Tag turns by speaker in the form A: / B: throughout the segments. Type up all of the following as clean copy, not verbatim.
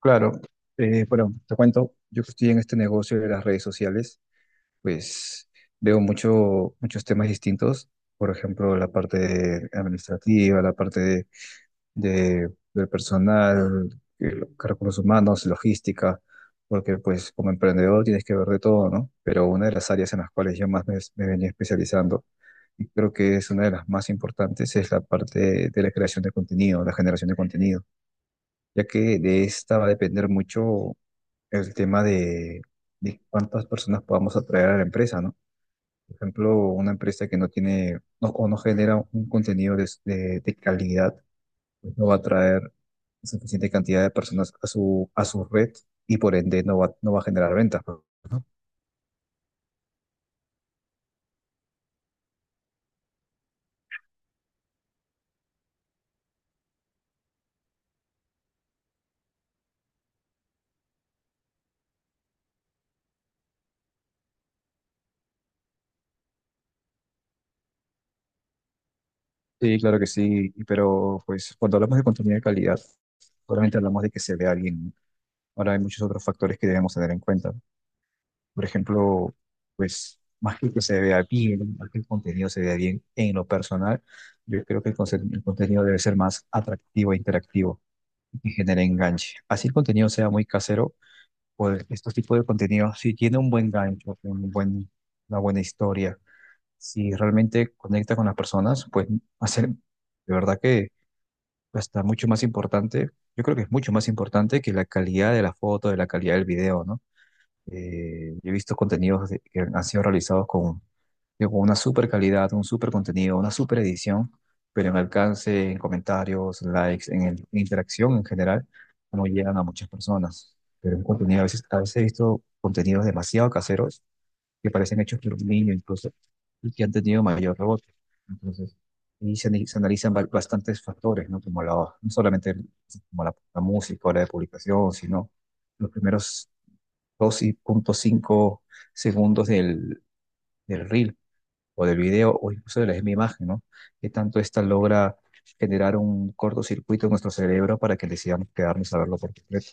A: Claro, bueno, te cuento, yo que estoy en este negocio de las redes sociales, pues veo muchos temas distintos. Por ejemplo, la parte administrativa, la parte del personal, recursos humanos, logística, porque pues como emprendedor tienes que ver de todo, ¿no? Pero una de las áreas en las cuales yo más me venía especializando, y creo que es una de las más importantes, es la parte de la creación de contenido, la generación de contenido, ya que de esta va a depender mucho el tema de cuántas personas podamos atraer a la empresa, ¿no? Por ejemplo, una empresa que no tiene no, o no genera un contenido de calidad, pues no va a atraer suficiente cantidad de personas a su red, y por ende no va a generar ventas, ¿no? Sí, claro que sí, pero pues cuando hablamos de contenido de calidad, ¿solamente hablamos de que se vea bien? Ahora hay muchos otros factores que debemos tener en cuenta. Por ejemplo, pues más que se vea bien, más que el contenido se vea bien, en lo personal yo creo que el contenido debe ser más atractivo e interactivo y que genere enganche. Así el contenido sea muy casero, pues estos tipos de contenidos, si tiene un buen gancho, un buen, una buena historia, si realmente conecta con las personas, pues hacer, de verdad que está mucho más importante. Yo creo que es mucho más importante que la calidad de la foto, de la calidad del video, ¿no? Yo he visto contenidos que han sido realizados con, digo, con una super calidad, un super contenido, una super edición, pero en alcance, en comentarios, likes, en interacción en general, no llegan a muchas personas. Pero en contenido, a veces he visto contenidos demasiado caseros que parecen hechos por un niño incluso y que han tenido mayor rebote. Entonces, se analizan bastantes factores, ¿no? Como la, no solamente como la música o la de publicación, sino los primeros 2.5 segundos del reel o del video, o incluso de la misma imagen, ¿no? Que tanto esta logra generar un cortocircuito en nuestro cerebro para que decidamos quedarnos a verlo por completo.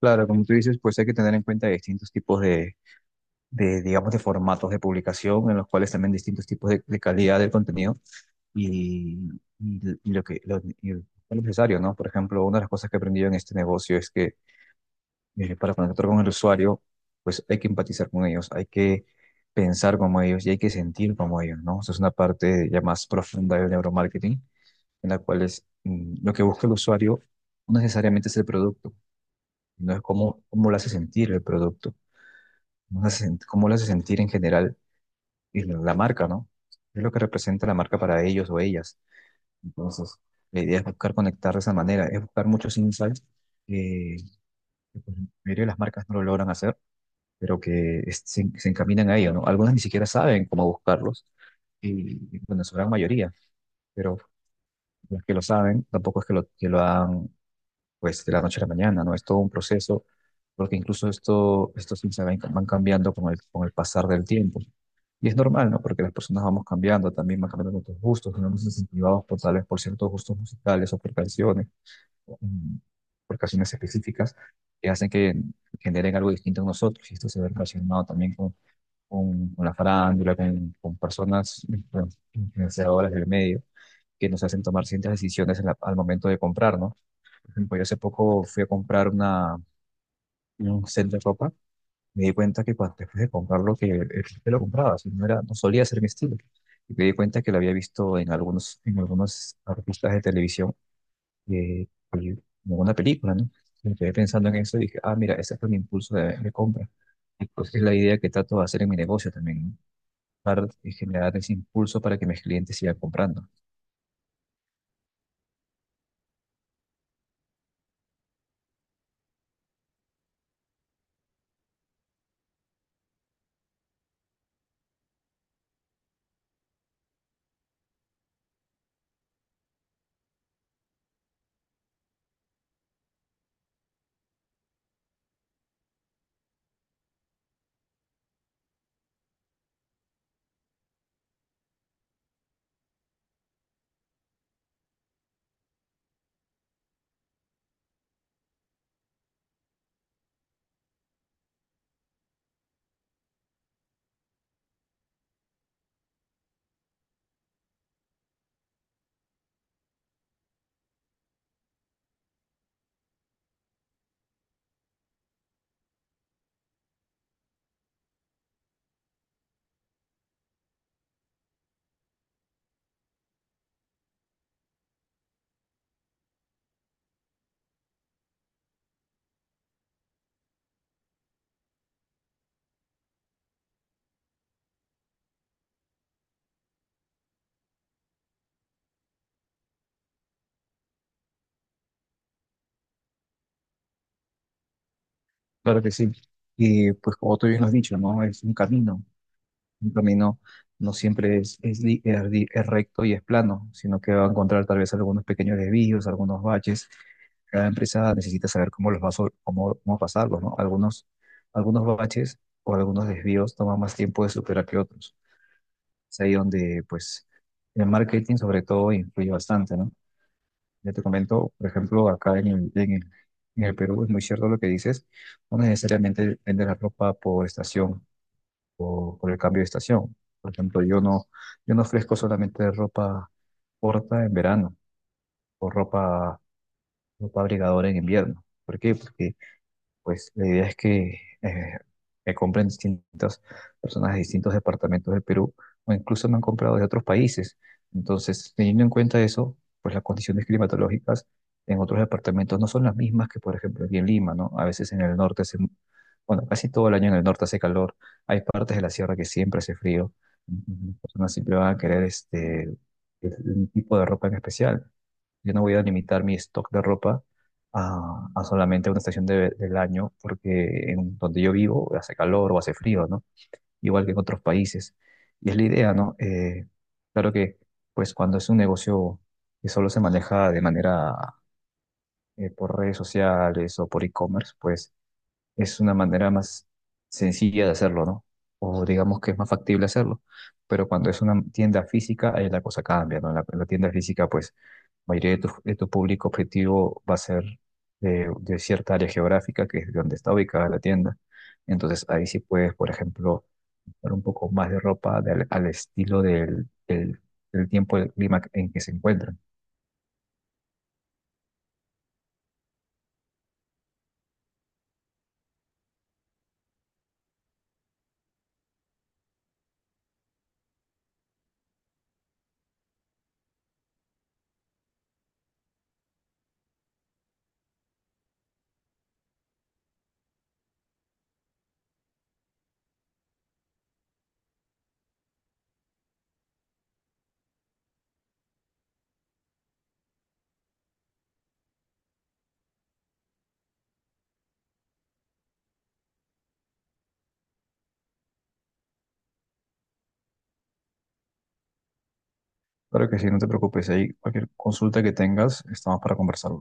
A: Claro, como tú dices, pues hay que tener en cuenta distintos tipos digamos, de formatos de publicación, en los cuales también distintos tipos de calidad del contenido, y, y lo que lo necesario, ¿no? Por ejemplo, una de las cosas que he aprendido en este negocio es que para conectar con el usuario, pues hay que empatizar con ellos, hay que pensar como ellos y hay que sentir como ellos, ¿no? Esa es una parte ya más profunda del neuromarketing, en la cual es, lo que busca el usuario no necesariamente es el producto, no es cómo lo hace sentir el producto, cómo lo hace sentir en general y la marca, ¿no? Es lo que representa la marca para ellos o ellas. Entonces, la idea es buscar conectar de esa manera, es buscar muchos insights que, pues, la mayoría de las marcas no lo logran hacer, pero que se encaminan a ello, ¿no? Algunas ni siquiera saben cómo buscarlos, bueno, su gran mayoría, pero los que lo saben tampoco es que lo hagan pues de la noche a la mañana, ¿no? Es todo un proceso, porque incluso estos índices van cambiando con el pasar del tiempo. Y es normal, ¿no? Porque las personas vamos cambiando, también van cambiando nuestros gustos, nos vamos incentivados por tal vez por ciertos gustos musicales o por canciones, mm, por canciones específicas que hacen que generen algo distinto en nosotros. Y esto se ve relacionado también con la farándula, con personas influenciadoras del medio que nos hacen tomar ciertas decisiones en al momento de comprar, ¿no? Por ejemplo, yo hace poco fui a comprar un set de ropa, me di cuenta que cuando después de comprarlo, que el que lo compraba, si no, era, no solía ser mi estilo. Y me di cuenta que lo había visto en algunos artistas de televisión, eh, y en alguna película, ¿no? Me quedé pensando en eso y dije, ah, mira, ese fue mi impulso de compra. Y pues es la idea que trato de hacer en mi negocio también, ¿no? Para generar ese impulso para que mis clientes sigan comprando. Claro que sí. Y pues como tú bien lo has dicho, ¿no? Es un camino. Un camino no siempre es recto y es plano, sino que va a encontrar tal vez algunos pequeños desvíos, algunos baches. Cada empresa necesita saber cómo los va a, sol- cómo, cómo pasarlos, ¿no? Algunos baches o algunos desvíos toman más tiempo de superar que otros. Es ahí donde, pues, el marketing sobre todo influye bastante, ¿no? Ya te comento, por ejemplo, acá en el Perú es muy cierto lo que dices, no necesariamente vender la ropa por estación o por el cambio de estación. Por ejemplo, yo no ofrezco solamente ropa corta en verano o ropa abrigadora en invierno. ¿Por qué? Porque pues la idea es que me compren distintas personas de distintos departamentos del Perú, o incluso me han comprado de otros países. Entonces, teniendo en cuenta eso, pues las condiciones climatológicas en otros departamentos no son las mismas que, por ejemplo, aquí en Lima, ¿no? A veces en el norte hace, bueno, casi todo el año en el norte hace calor. Hay partes de la sierra que siempre hace frío. Ujú. Las personas siempre van a querer este, un tipo de ropa en especial. Yo no voy a limitar mi stock de ropa a solamente una estación del año, porque en donde yo vivo hace calor o hace frío, ¿no? Igual que en otros países. Y es la idea, ¿no? Claro que, pues cuando es un negocio que solo se maneja de manera por redes sociales o por e-commerce, pues es una manera más sencilla de hacerlo, ¿no? O digamos que es más factible hacerlo. Pero cuando es una tienda física, ahí la cosa cambia, ¿no? En la tienda física, pues, la mayoría de tu público objetivo va a ser de cierta área geográfica, que es donde está ubicada la tienda. Entonces, ahí sí puedes, por ejemplo, dar un poco más de ropa al estilo del tiempo, del clima en que se encuentran. Claro que sí, no te preocupes, ahí cualquier consulta que tengas, estamos para conversar.